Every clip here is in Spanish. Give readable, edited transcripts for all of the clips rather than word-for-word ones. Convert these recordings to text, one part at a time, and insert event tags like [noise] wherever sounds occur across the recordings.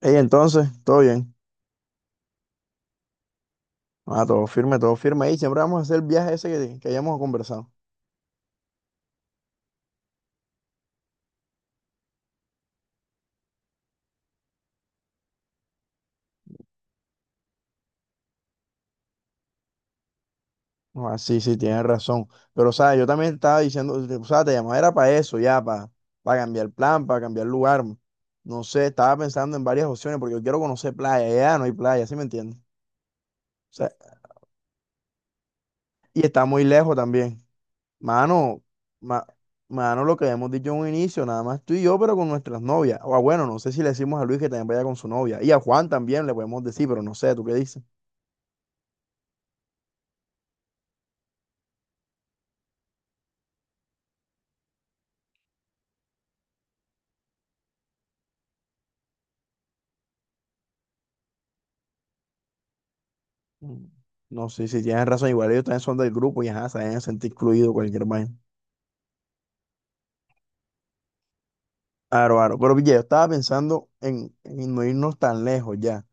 Ey, entonces, todo bien. Ah, todo firme, todo firme. Y siempre vamos a hacer el viaje ese que hayamos conversado. Ah, sí, sí, tienes razón. Pero, o sea, yo también estaba diciendo, o sea, te llamaba era para eso, ya, para cambiar el plan, para cambiar lugar. No sé, estaba pensando en varias opciones porque yo quiero conocer playa. Ya no hay playa, ¿sí me entiendes? O sea, y está muy lejos también. Mano, ma- mano, lo que habíamos dicho en un inicio, nada más tú y yo, pero con nuestras novias. O ah, bueno, no sé si le decimos a Luis que también vaya con su novia. Y a Juan también le podemos decir, pero no sé, ¿tú qué dices? Mm. No sé si tienes razón, igual ellos también son del grupo y ajá, se deben sentir incluidos cualquier vaina. Aro, aro. Pero pille, yo estaba pensando en no irnos tan lejos ya.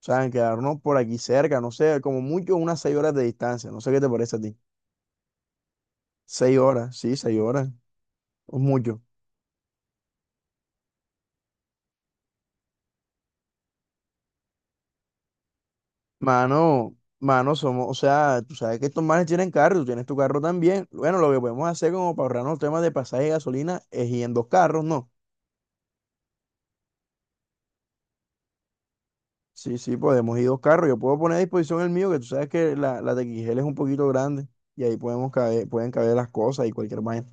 O sea, en quedarnos por aquí cerca, no sé, como mucho unas 6 horas de distancia. No sé qué te parece a ti. Seis horas, sí, 6 horas. Es mucho. Mano, somos, o sea, tú sabes que estos manes tienen carro, tú tienes tu carro también. Bueno, lo que podemos hacer como para ahorrarnos el tema de pasaje y gasolina es ir en dos carros, ¿no? Sí, sí, podemos ir dos carros. Yo puedo poner a disposición el mío, que tú sabes que la TXL es un poquito grande y ahí podemos caber, pueden caber las cosas y cualquier vaina.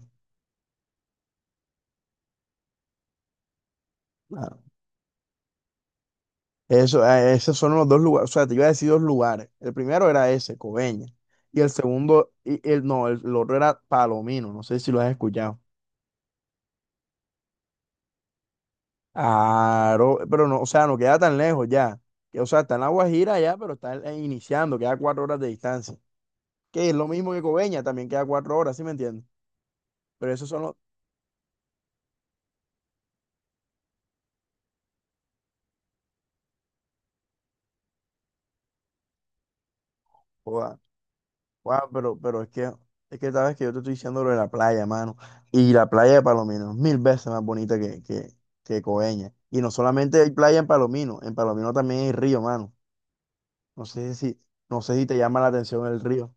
Claro. Eso, esos son los dos lugares. O sea, te iba a decir dos lugares. El primero era ese, Coveña. Y el segundo, y el otro era Palomino. No sé si lo has escuchado. Claro, pero no, o sea, no queda tan lejos ya. Que, o sea, está en La Guajira ya, pero está iniciando, queda 4 horas de distancia. Que es lo mismo que Coveña, también queda 4 horas, ¿sí me entiendes? Pero esos son los. Guau, pero es que sabes que yo te estoy diciendo lo de la playa, mano. Y la playa de Palomino es mil veces más bonita que Coveñas. Y no solamente hay playa en Palomino también hay río, mano. No sé si, no sé si te llama la atención el río.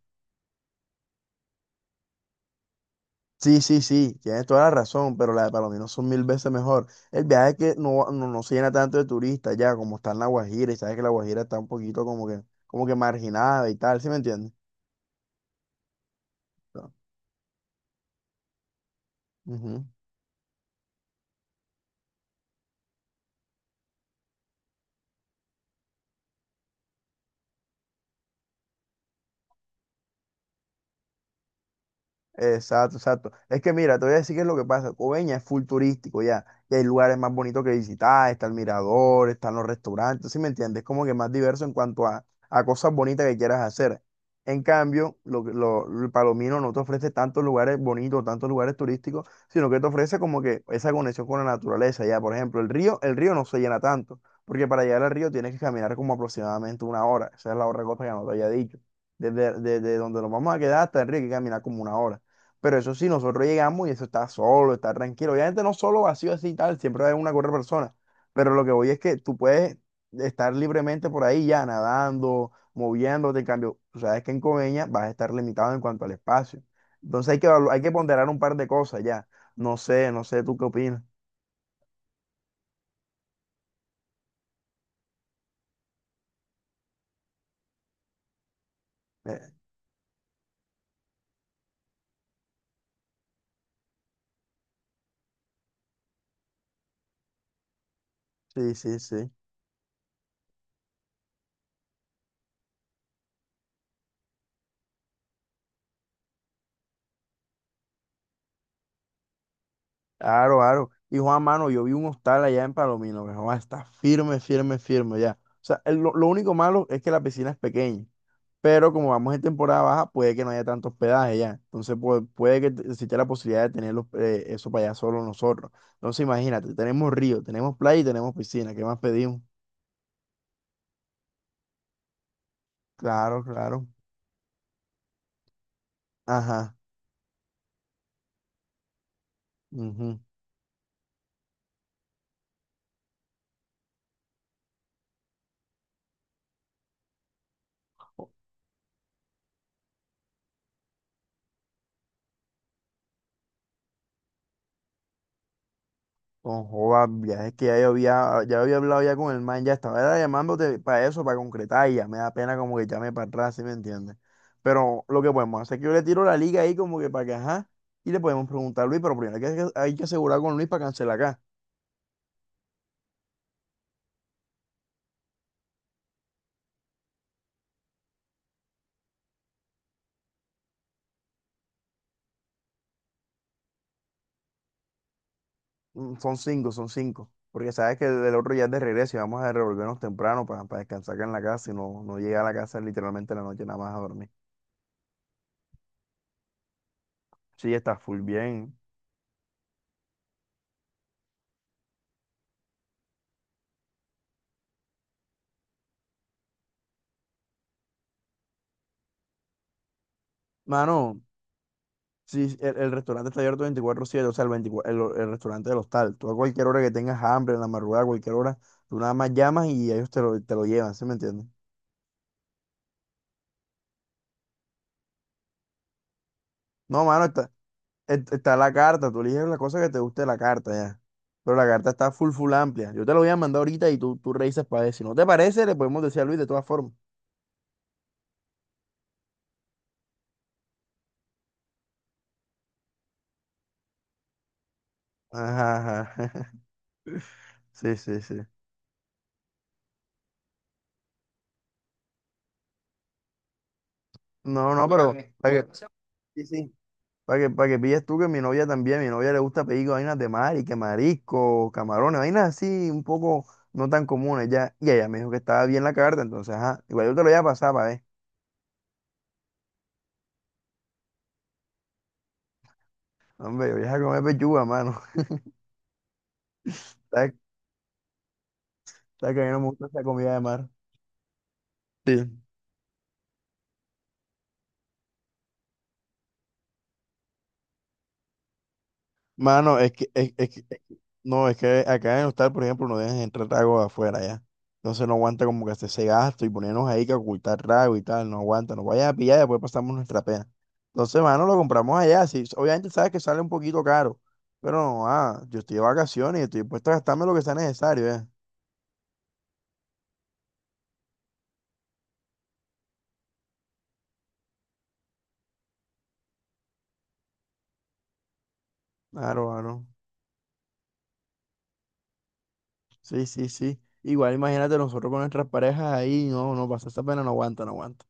Sí, sí, sí, tienes toda la razón, pero la de Palomino son mil veces mejor. El viaje es que no se llena tanto de turistas ya, como está en La Guajira, y sabes que La Guajira está un poquito como que marginada y tal, ¿sí me entiendes? Ujú. Exacto, exacto. Es que mira, te voy a decir qué es lo que pasa. Coveña es full turístico ya. Y hay lugares más bonitos que visitar, está el mirador, están los restaurantes, ¿sí me entiendes? Es como que más diverso en cuanto a cosas bonitas que quieras hacer. En cambio, el Palomino no te ofrece tantos lugares bonitos, tantos lugares turísticos, sino que te ofrece como que esa conexión con la naturaleza ya. Por ejemplo, el río no se llena tanto, porque para llegar al río tienes que caminar como aproximadamente una hora. Esa es la otra cosa que no te había dicho. Desde donde nos vamos a quedar hasta el río hay que caminar como una hora. Pero eso sí, nosotros llegamos y eso está solo, está tranquilo. Obviamente no solo vacío así y tal, siempre hay una otra persona. Pero lo que voy es que tú puedes estar libremente por ahí ya nadando, moviéndote. En cambio, tú sabes que en Coveña vas a estar limitado en cuanto al espacio. Entonces hay que, hay que ponderar un par de cosas ya. No sé, ¿tú qué opinas? Eh, sí, sí, sí. Claro, claro. Y Juan Mano, yo vi un hostal allá en Palomino, que Juan, está firme, firme, firme ya. O sea, lo único malo es que la piscina es pequeña. Pero como vamos en temporada baja, puede que no haya tanto hospedaje ya. Entonces, pues, puede que exista la posibilidad de tener los, eso para allá solo nosotros. Entonces, imagínate, tenemos río, tenemos playa y tenemos piscina. ¿Qué más pedimos? Claro, claro. Ajá. Ujú. O- Con joda, viajes que ya había hablado ya con el man, ya estaba era llamándote para eso, para concretar, y ya me da pena como que llame para atrás, ¿sí me entiendes? Pero lo que podemos hacer es que yo le tiro la liga ahí como que para que, ajá, y le podemos preguntar a Luis, pero primero hay que asegurar con Luis para cancelar acá. Mm, son cinco, son cinco. Porque sabes que el otro ya es de regreso y vamos a revolvernos temprano para descansar acá en la casa y no llegar a la casa literalmente en la noche nada más a dormir. Sí, está full bien. Mano, sí, el restaurante está abierto 24 siete o sea, 24 el restaurante del hostal. Tú a cualquier hora que tengas hambre, en la madrugada, a cualquier hora, tú nada más llamas y ellos te lo llevan, ¿sí me entiendes? No, mano, está la carta, tú eliges la cosa que te guste de la carta ya. Pero la carta está full, full amplia. Yo te la voy a mandar ahorita y tú revisas para ver. Si no te parece, le podemos decir a Luis de todas formas. Ajá, ajá. [laughs] Sí, sí, sí. No, no, pero para que, sí, sí. Para que pilles tú que mi novia también, mi novia le gusta pedir vainas de mar y que marisco, camarones, vainas así un poco no tan comunes ya. Y ella me dijo que estaba bien la carta, entonces, ajá. Igual yo te lo voy a pasar para ver. Hombre, yo voy a comer pechuga, mano. [laughs] Sabes sabes que a mí no me gusta esa comida de mar. Sí. Mano, es que no, es que acá en Hostal, por ejemplo, no dejan entrar trago de afuera ya. Entonces no aguanta como que hacer ese gasto y ponernos ahí que ocultar trago y tal, no aguanta, nos vayas a pillar y después pasamos nuestra pena. Entonces, mano, lo compramos allá. Sí, obviamente sabes que sale un poquito caro, pero no, ah, yo estoy de vacaciones y estoy dispuesto a gastarme lo que sea necesario, ya. Claro, claro. Sí, sí, sí. Igual imagínate nosotros con nuestras parejas ahí, no pasa esa pena, no aguanta, no aguanta.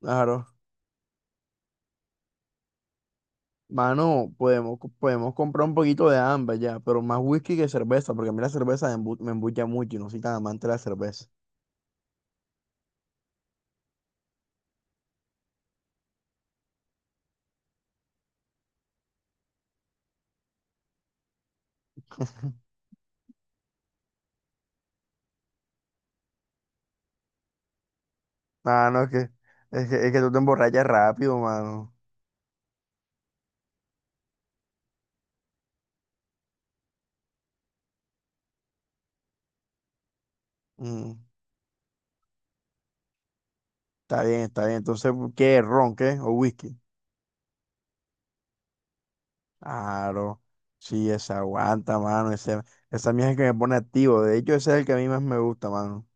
Claro. Mano, podemos comprar un poquito de ambas ya, pero más whisky que cerveza, porque a mí la cerveza me embucha mucho y no soy tan amante de la cerveza. [laughs] Mano, es que tú te emborrachas rápido, mano. Mm, está bien, está bien. Entonces, ¿qué? ¿Ron, qué? ¿O whisky? Claro. Sí, esa aguanta, mano. Ese, esa mía es el que me pone activo. De hecho, ese es el que a mí más me gusta, mano.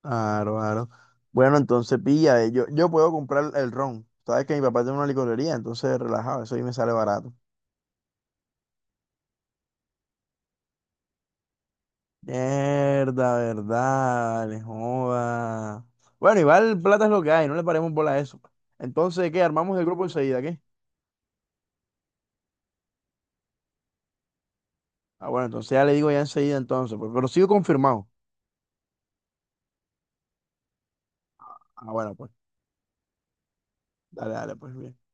Claro, claro. Bueno, entonces pilla. Yo puedo comprar el ron. Sabes que mi papá tiene una licorería, entonces relajado. Eso ahí me sale barato. Mierda, verdad, vale, joda. Bueno, igual plata es lo que hay, no le paremos bola a eso. Entonces, ¿qué? Armamos el grupo enseguida, ¿qué? Ah, bueno, entonces ya le digo ya enseguida entonces, pues, pero sigo confirmado. Ah, bueno, pues, dale, dale, pues bien.